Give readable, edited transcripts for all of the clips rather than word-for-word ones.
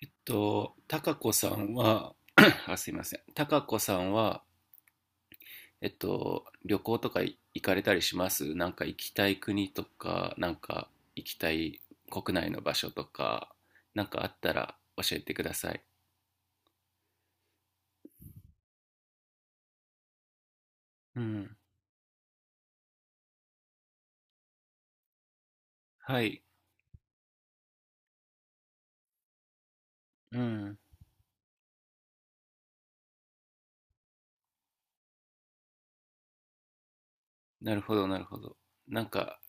たかこさんは、あ、すいません。たかこさんは、旅行とか行かれたりします？なんか行きたい国とか、なんか行きたい国内の場所とか、なんかあったら教えてください。うん。はい。うん。なるほど、なるほど。なんか、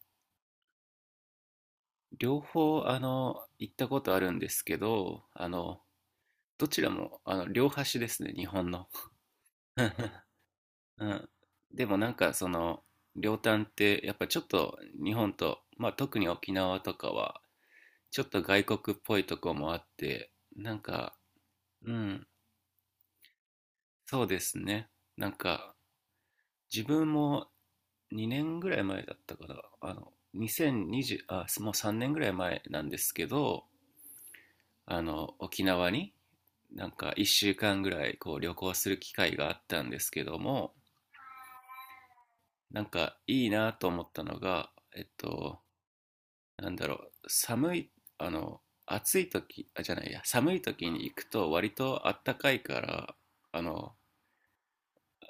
両方、行ったことあるんですけど、どちらも、両端ですね、日本の。うん、でもなんかその両端ってやっぱちょっと日本と、まあ、特に沖縄とかはちょっと外国っぽいとこもあって、なんか、うん、そうですね。なんか自分も2年ぐらい前だったから、2020、あ、もう3年ぐらい前なんですけど、沖縄になんか1週間ぐらいこう旅行する機会があったんですけども、なんかいいなと思ったのが、えっとなんだろう、寒い、暑い時、あ、じゃないや、寒い時に行くと割とあったかいから、あの、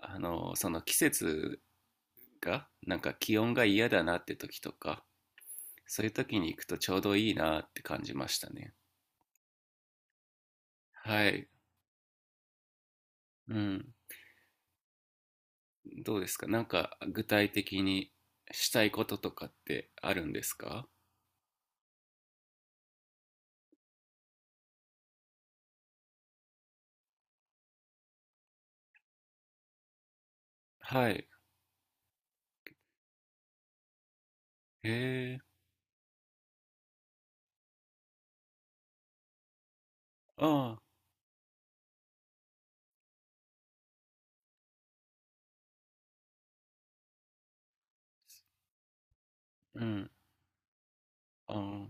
その季節が、なんか気温が嫌だなって時とか、そういう時に行くとちょうどいいなって感じましたね。はい。うん。どうですか？なんか具体的にしたいこととかってあるんですか？はい。へえ。ああ、うん。ああ、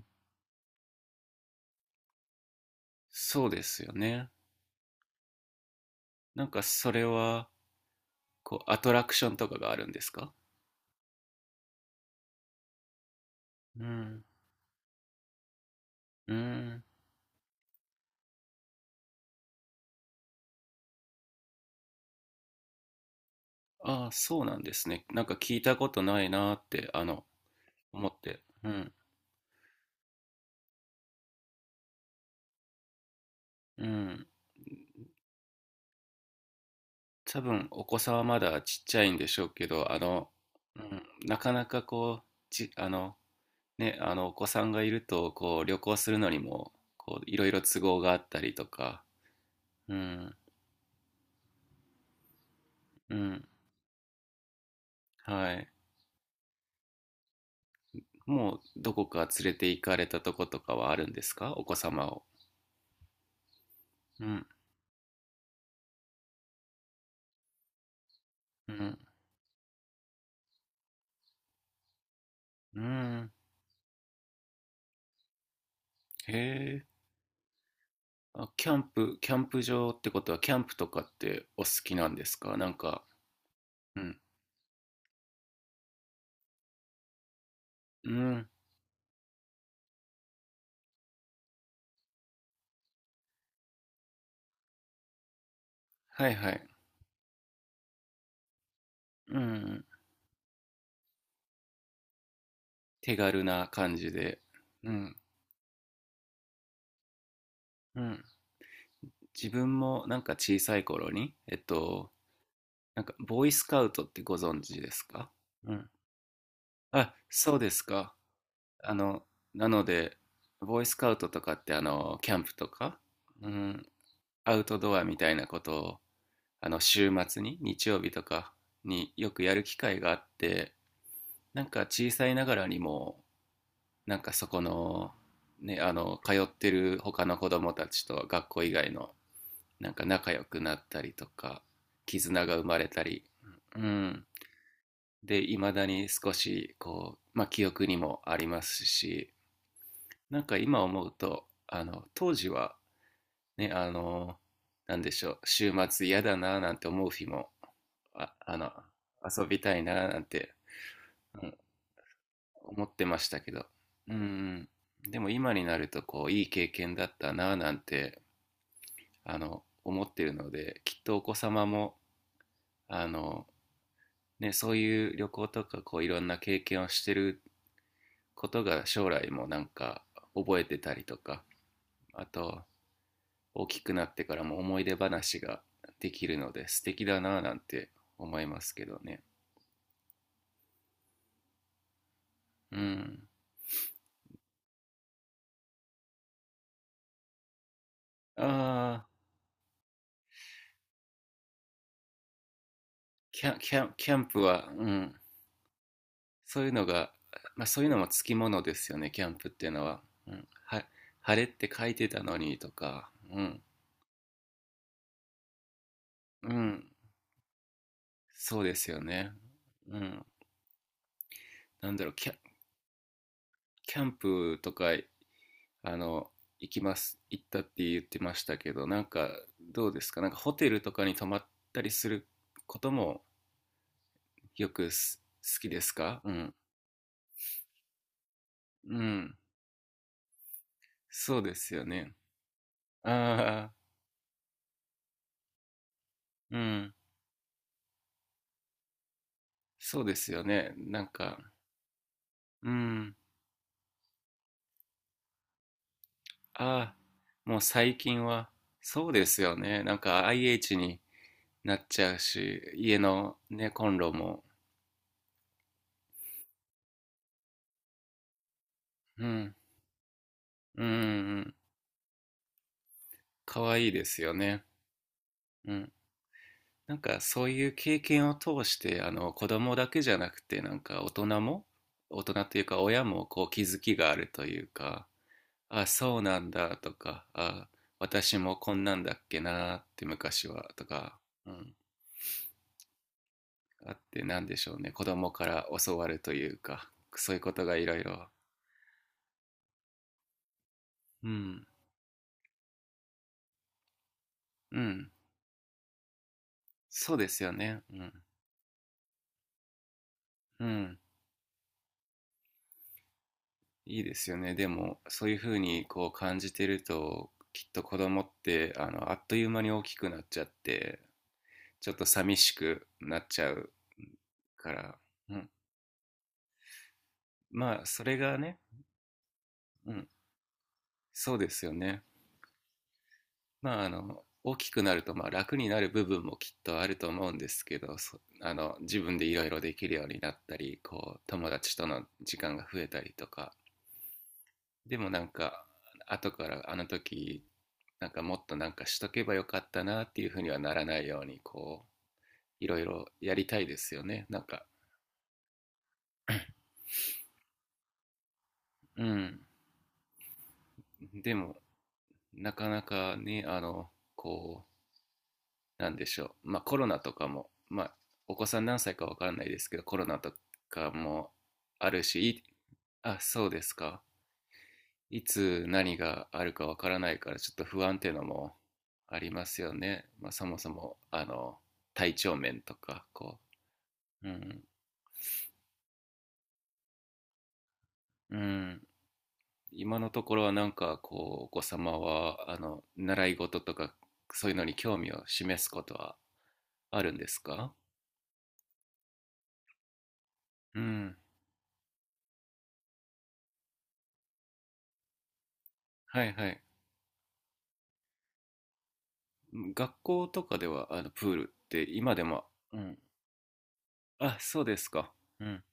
そうですよね。なんかそれは、こう、アトラクションとかがあるんですか？うん。うん。ああ、そうなんですね。なんか聞いたことないなーって、思って。うん。うん。多分、お子さんはまだちっちゃいんでしょうけど、うん、なかなかこう、ね、お子さんがいると、こう、旅行するのにも、こう、いろいろ都合があったりとか、うん、うん、はい。もう、どこか連れて行かれたとことかはあるんですか？お子様を。うん、うん、うん。へえ。あ、キャンプ場ってことは、キャンプとかってお好きなんですか？なんか、うん。うん。はいはい。うん。手軽な感じで。うん。うん。自分もなんか小さい頃に、なんか、ボーイスカウトってご存知ですか？うん。あ、そうですか。あの、なので、ボーイスカウトとかって、キャンプとか、うん、アウトドアみたいなことを、週末に、日曜日とかによくやる機会があって、なんか小さいながらにも、なんかそこの、ね、通ってる他の子供たちと学校以外の、なんか仲良くなったりとか、絆が生まれたり、うん。で、いまだに少し、こう、まあ、記憶にもありますし、なんか今思うと、当時は、ね、なんでしょう、週末嫌だななんて思う日も、あ、遊びたいななんて、う思ってましたけど。うん。でも今になると、こう、いい経験だったなぁなんて、思ってるので、きっとお子様も、あの、ね、そういう旅行とか、こう、いろんな経験をしてることが将来もなんか覚えてたりとか、あと、大きくなってからも思い出話ができるので、素敵だなぁなんて思いますけどね。うん。ああ、キャンプは、うん、そういうのが、まあ、そういうのもつきものですよね、キャンプっていうのは。うん、晴れって書いてたのにとか、うん、うん、そうですよね。うん、なんだろう、キャンプとか、あの、行きます、行ったって言ってましたけど、なんかどうですか、なんかホテルとかに泊まったりすることもよく好きですか？うん、うん、そうですよね。ああ、うん、そうですよね。なんか、うん。ああ、もう最近は、そうですよね。なんか IH になっちゃうし、家のね、コンロも、うん、うん、うん、かわいいですよね。うん。なんかそういう経験を通して、子供だけじゃなくて、なんか大人も、大人というか親もこう気づきがあるというか、あ、そうなんだとか、あ、私もこんなんだっけなって昔はとか、うん、あってなんでしょうね？子供から教わるというか、そういうことがいろいろ、うん、うん、そうですよね。うん、うん、いいですよね。でもそういうふうにこう感じてると、きっと子供ってあっという間に大きくなっちゃってちょっと寂しくなっちゃうから、うん、まあそれがね、うん、そうですよね。まあ、大きくなると、まあ、楽になる部分もきっとあると思うんですけど、そあの、自分でいろいろできるようになったり、こう、友達との時間が増えたりとか、でもなんか、後からあの時、なんかもっとなんかしとけばよかったなっていうふうにはならないように、こう、いろいろやりたいですよね。なんか、うん。でも、なかなかね、なんでしょう、まあ、コロナとかも、まあ、お子さん何歳かわからないですけど、コロナとかもあるし、あ、そうですか。いつ何があるかわからないから、ちょっと不安っていうのもありますよね。まあ、そもそも、体調面とか、こう。うん。うん。今のところはなんか、こう、お子様は、習い事とか、そういうのに興味を示すことはあるんですか？うん。はいはい。学校とかではあのプールって今でも、うん、あ、そうですか。うん。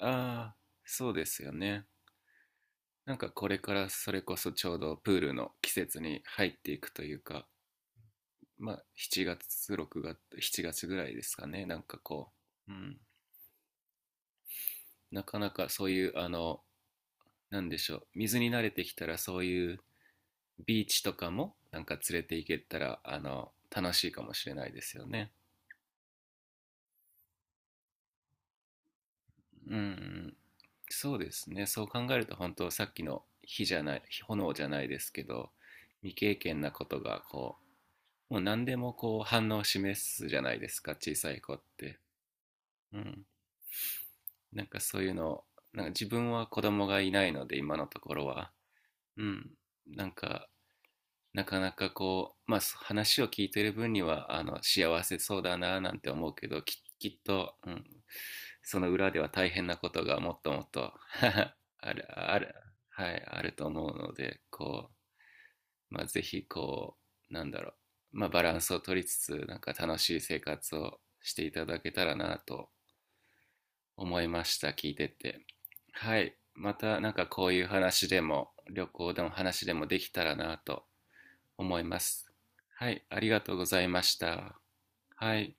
ああ、そうですよね。なんかこれからそれこそちょうどプールの季節に入っていくというか、まあ7月、6月、7月ぐらいですかね。なんかこう、うん。なかなかそういう、なんでしょう。水に慣れてきたらそういうビーチとかもなんか連れて行けたら、楽しいかもしれないですよね。うん。そうですね。そう考えると本当さっきの火じゃない、炎じゃないですけど、未経験なことが、こう、もう何でもこう反応を示すじゃないですか、小さい子って。うん、なんかそういうの、なんか自分は子供がいないので今のところは、うん、なんかなかなかこう、まあ、話を聞いてる分には幸せそうだななんて思うけど、きっと、うん、その裏では大変なことがもっともっと ある、ある、はい、あると思うので、こう、まあ、ぜひこう、なんだろう、まあ、バランスを取りつつ、なんか楽しい生活をしていただけたらなと思いました、聞いてて。はい。またなんかこういう話でも旅行でも話でもできたらなと思います。はい。ありがとうございました。はい。